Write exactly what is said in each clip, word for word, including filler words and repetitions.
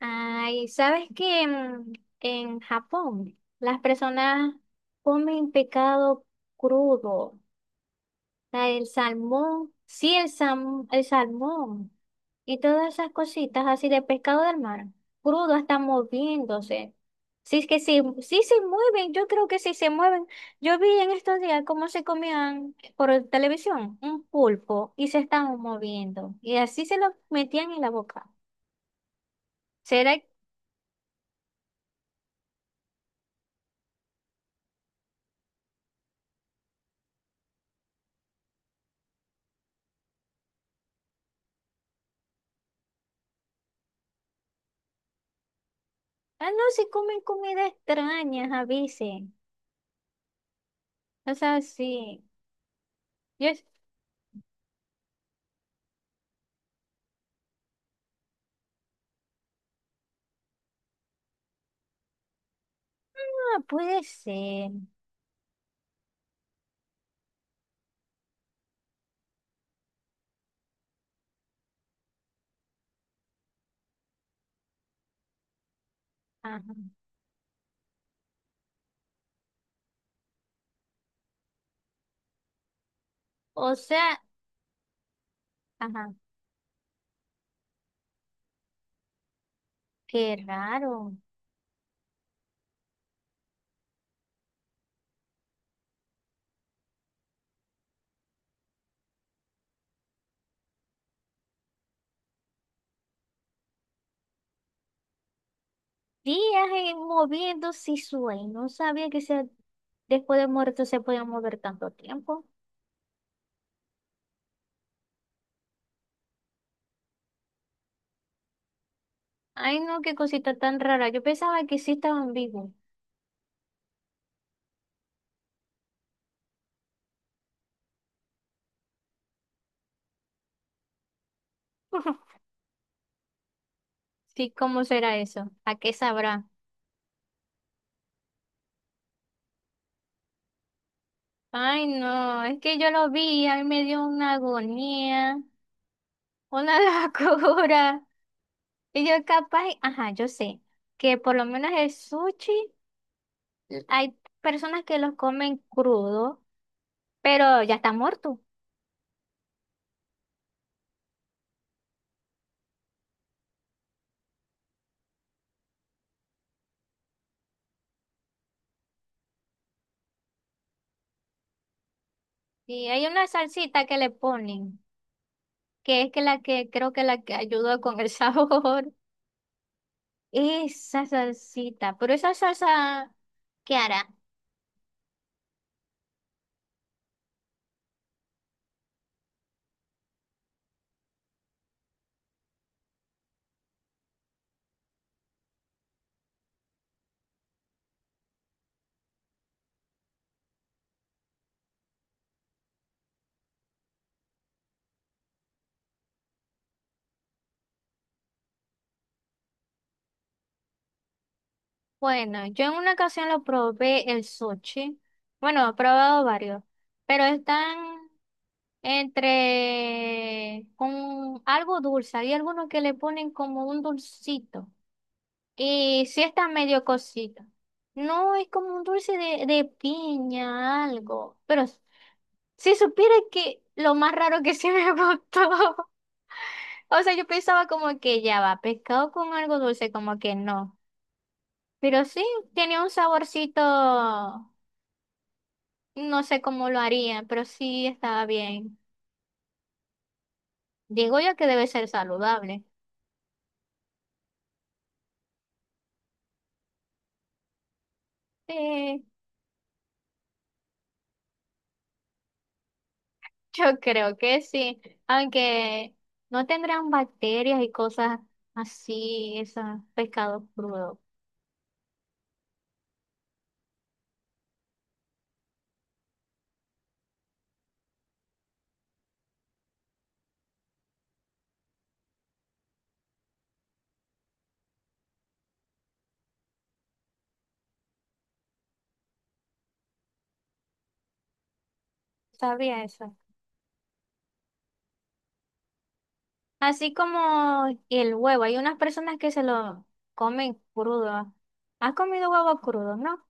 Ay, ¿sabes que en, en Japón las personas comen pescado crudo? O sea, el salmón, sí, el, sam- el salmón y todas esas cositas así de pescado del mar, crudo, hasta moviéndose. Sí, es que sí, sí se mueven, yo creo que sí se mueven. Yo vi en estos días cómo se comían por televisión un pulpo y se estaban moviendo y así se lo metían en la boca. ¿Será? Ah, no, si comen comida extraña, avisen. O sea, sí. Yo, ah, puede ser. Ajá. O sea, ajá, qué raro. Días en- moviéndose y sueño. No sabía que se, después de muerto se podía mover tanto tiempo. Ay, no, qué cosita tan rara. Yo pensaba que sí estaban vivos. Sí, ¿cómo será eso? ¿A qué sabrá? Ay, no, es que yo lo vi, a mí me dio una agonía, una locura. Y yo capaz, ajá, yo sé que por lo menos el sushi, hay personas que los comen crudo, pero ya está muerto. Y hay una salsita que le ponen, que es que la que creo que la que ayuda con el sabor. Esa salsita, pero esa salsa, ¿qué hará? Bueno, yo en una ocasión lo probé el sushi. Bueno, he probado varios, pero están entre con algo dulce. Hay algunos que le ponen como un dulcito. Y sí está medio cosito. No es como un dulce de, de piña, algo. Pero si supiera que lo más raro que sí me gustó. O sea, yo pensaba como que ya va, pescado con algo dulce, como que no. Pero sí, tiene un saborcito, no sé cómo lo harían, pero sí estaba bien. Digo yo que debe ser saludable. Sí, yo creo que sí. Aunque no tendrán bacterias y cosas así, esos pescados crudos. Sabía eso. Así como el huevo, hay unas personas que se lo comen crudo. ¿Has comido huevo crudo, no?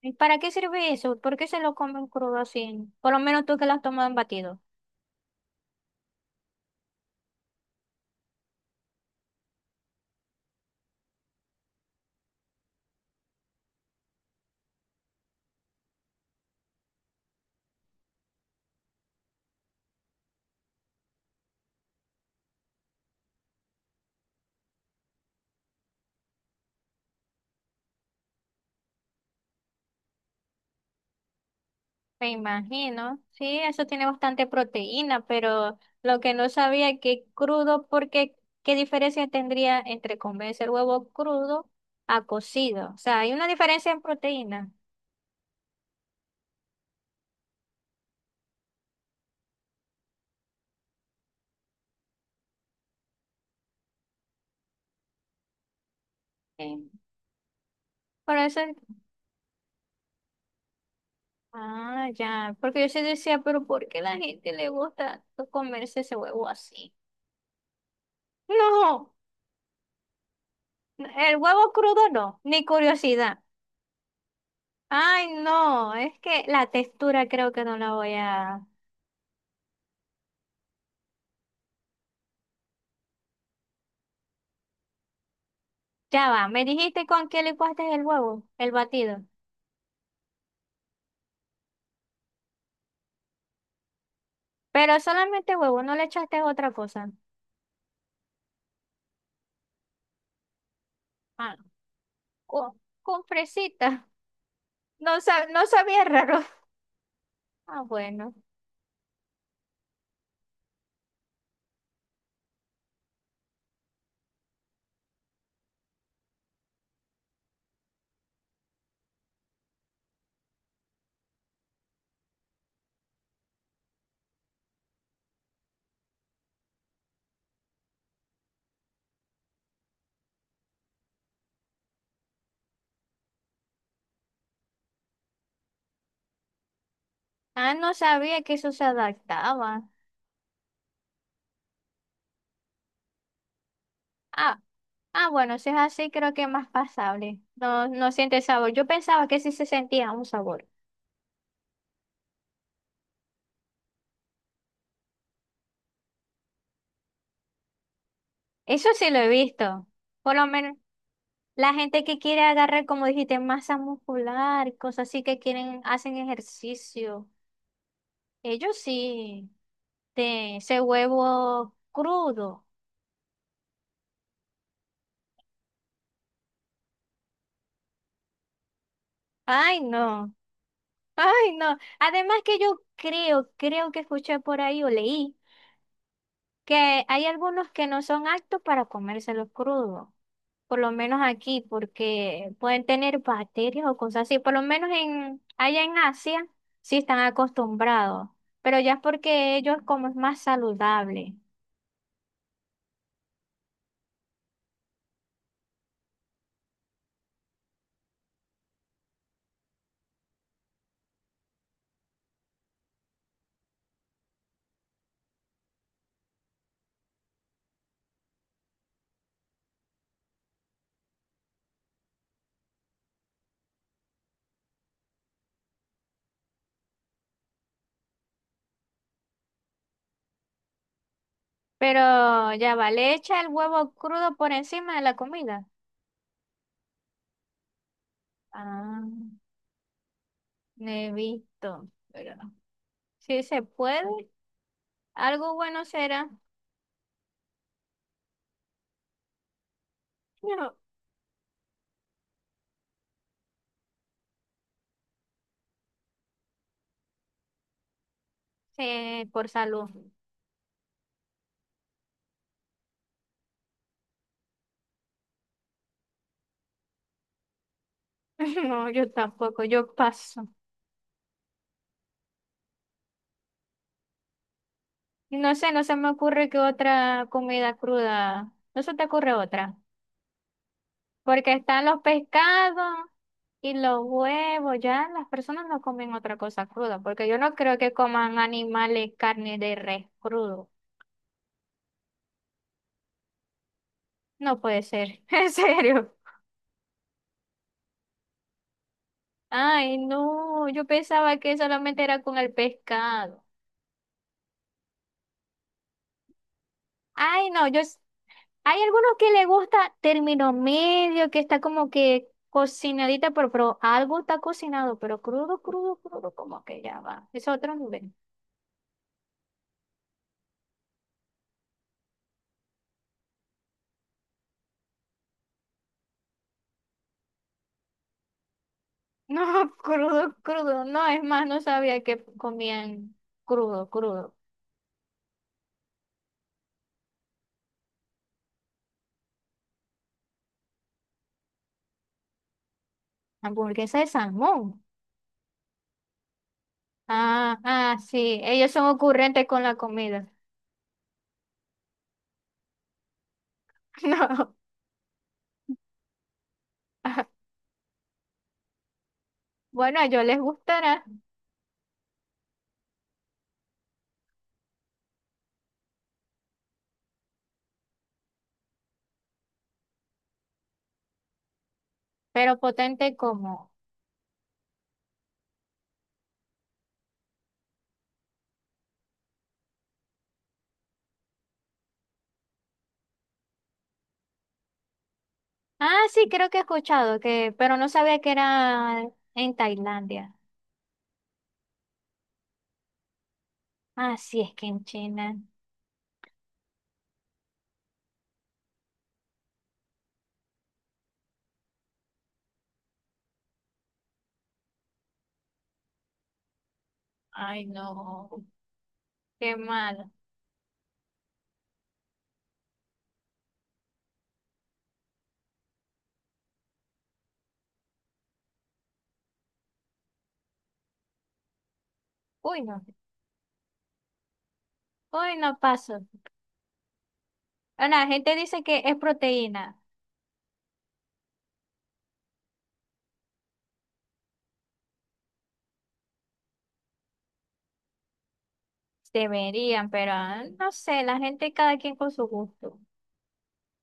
¿Y para qué sirve eso? ¿Por qué se lo comen crudo así? Por lo menos tú que lo has tomado en batido. Me imagino, sí, eso tiene bastante proteína, pero lo que no sabía es que crudo, porque ¿qué diferencia tendría entre comerse el huevo crudo a cocido? O sea, hay una diferencia en proteína. Sí. Por eso, ah, ya, porque yo sí decía, pero ¿por qué la gente le gusta comerse ese huevo así? No, el huevo crudo no, ni curiosidad. Ay, no, es que la textura creo que no la voy a... Ya va, me dijiste con qué licuaste el huevo, el batido. Pero solamente huevo, no le echaste otra cosa. Ah, con, con fresita. No, sab- no sabía raro. Ah, bueno. Ah, no sabía que eso se adaptaba. Ah, ah, bueno, si es así, creo que es más pasable. No, no siente sabor. Yo pensaba que sí se sentía un sabor. Eso sí lo he visto. Por lo menos la gente que quiere agarrar, como dijiste, masa muscular, cosas así que quieren, hacen ejercicio. Ellos sí, de ese huevo crudo. Ay, no, ay, no. Además que yo creo, creo que escuché por ahí o leí que hay algunos que no son aptos para comérselos crudos. Por lo menos aquí, porque pueden tener bacterias o cosas así. Por lo menos en, allá en Asia sí están acostumbrados. Pero ya es porque ellos como es más saludable. Pero ya vale, echa el huevo crudo por encima de la comida. Ah, no he visto, pero no. Si se puede, algo bueno será. No, eh, por salud. No, yo tampoco, yo paso. Y no sé, no se me ocurre que otra comida cruda. No se te ocurre otra. Porque están los pescados y los huevos. Ya las personas no comen otra cosa cruda. Porque yo no creo que coman animales, carne de res crudo. No puede ser. En serio. Ay, no, yo pensaba que solamente era con el pescado. Ay, no, yo, s- hay algunos que le gusta término medio, que está como que cocinadita, pero, pero algo está cocinado, pero crudo, crudo, crudo, como que ya va. Es otro nivel. No, crudo, crudo, no, es más, no sabía que comían crudo, crudo. Hamburguesa de salmón. Ah, ah, sí, ellos son ocurrentes con la comida. No. Bueno, a ellos les gustará, pero potente como. Ah, sí, creo que he escuchado que, pero no sabía que era en Tailandia. Ah, sí, es que en China. Ay, no, qué malo. Uy, no, uy, no paso. Bueno, la gente dice que es proteína. Deberían, pero ah, no sé, la gente cada quien con su gusto.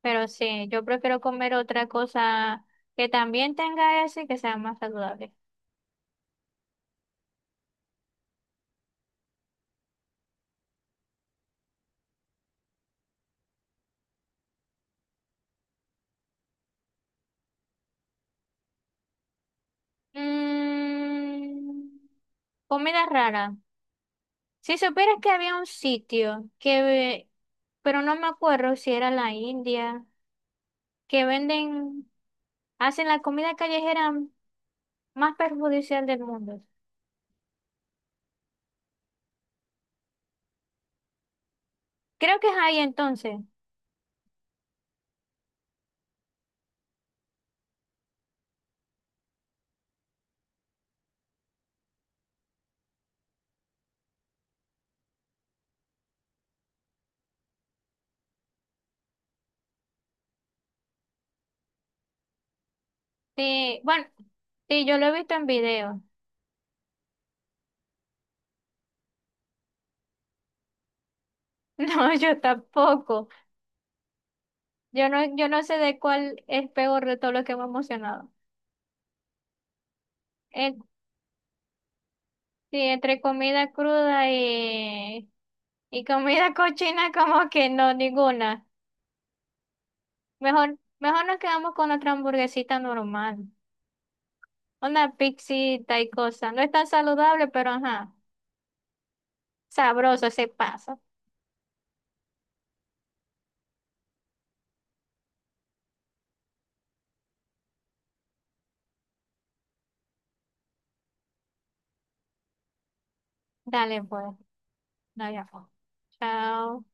Pero sí, yo prefiero comer otra cosa que también tenga eso y que sea más saludable. Mm, comida rara. Si supieras que había un sitio que, ve- pero no me acuerdo si era la India, que venden, hacen la comida callejera más perjudicial del mundo. Creo que es ahí entonces. Sí, bueno, sí, yo lo he visto en video. No, yo tampoco. Yo no, yo no sé de cuál es peor de todo lo que hemos mencionado. Eh, sí, entre comida cruda y, y comida cochina, como que no, ninguna. Mejor, mejor nos quedamos con nuestra hamburguesita normal. Una pixita y cosa. No es tan saludable, pero ajá. Sabroso, se pasa. Dale, pues. No hay afán. Chao.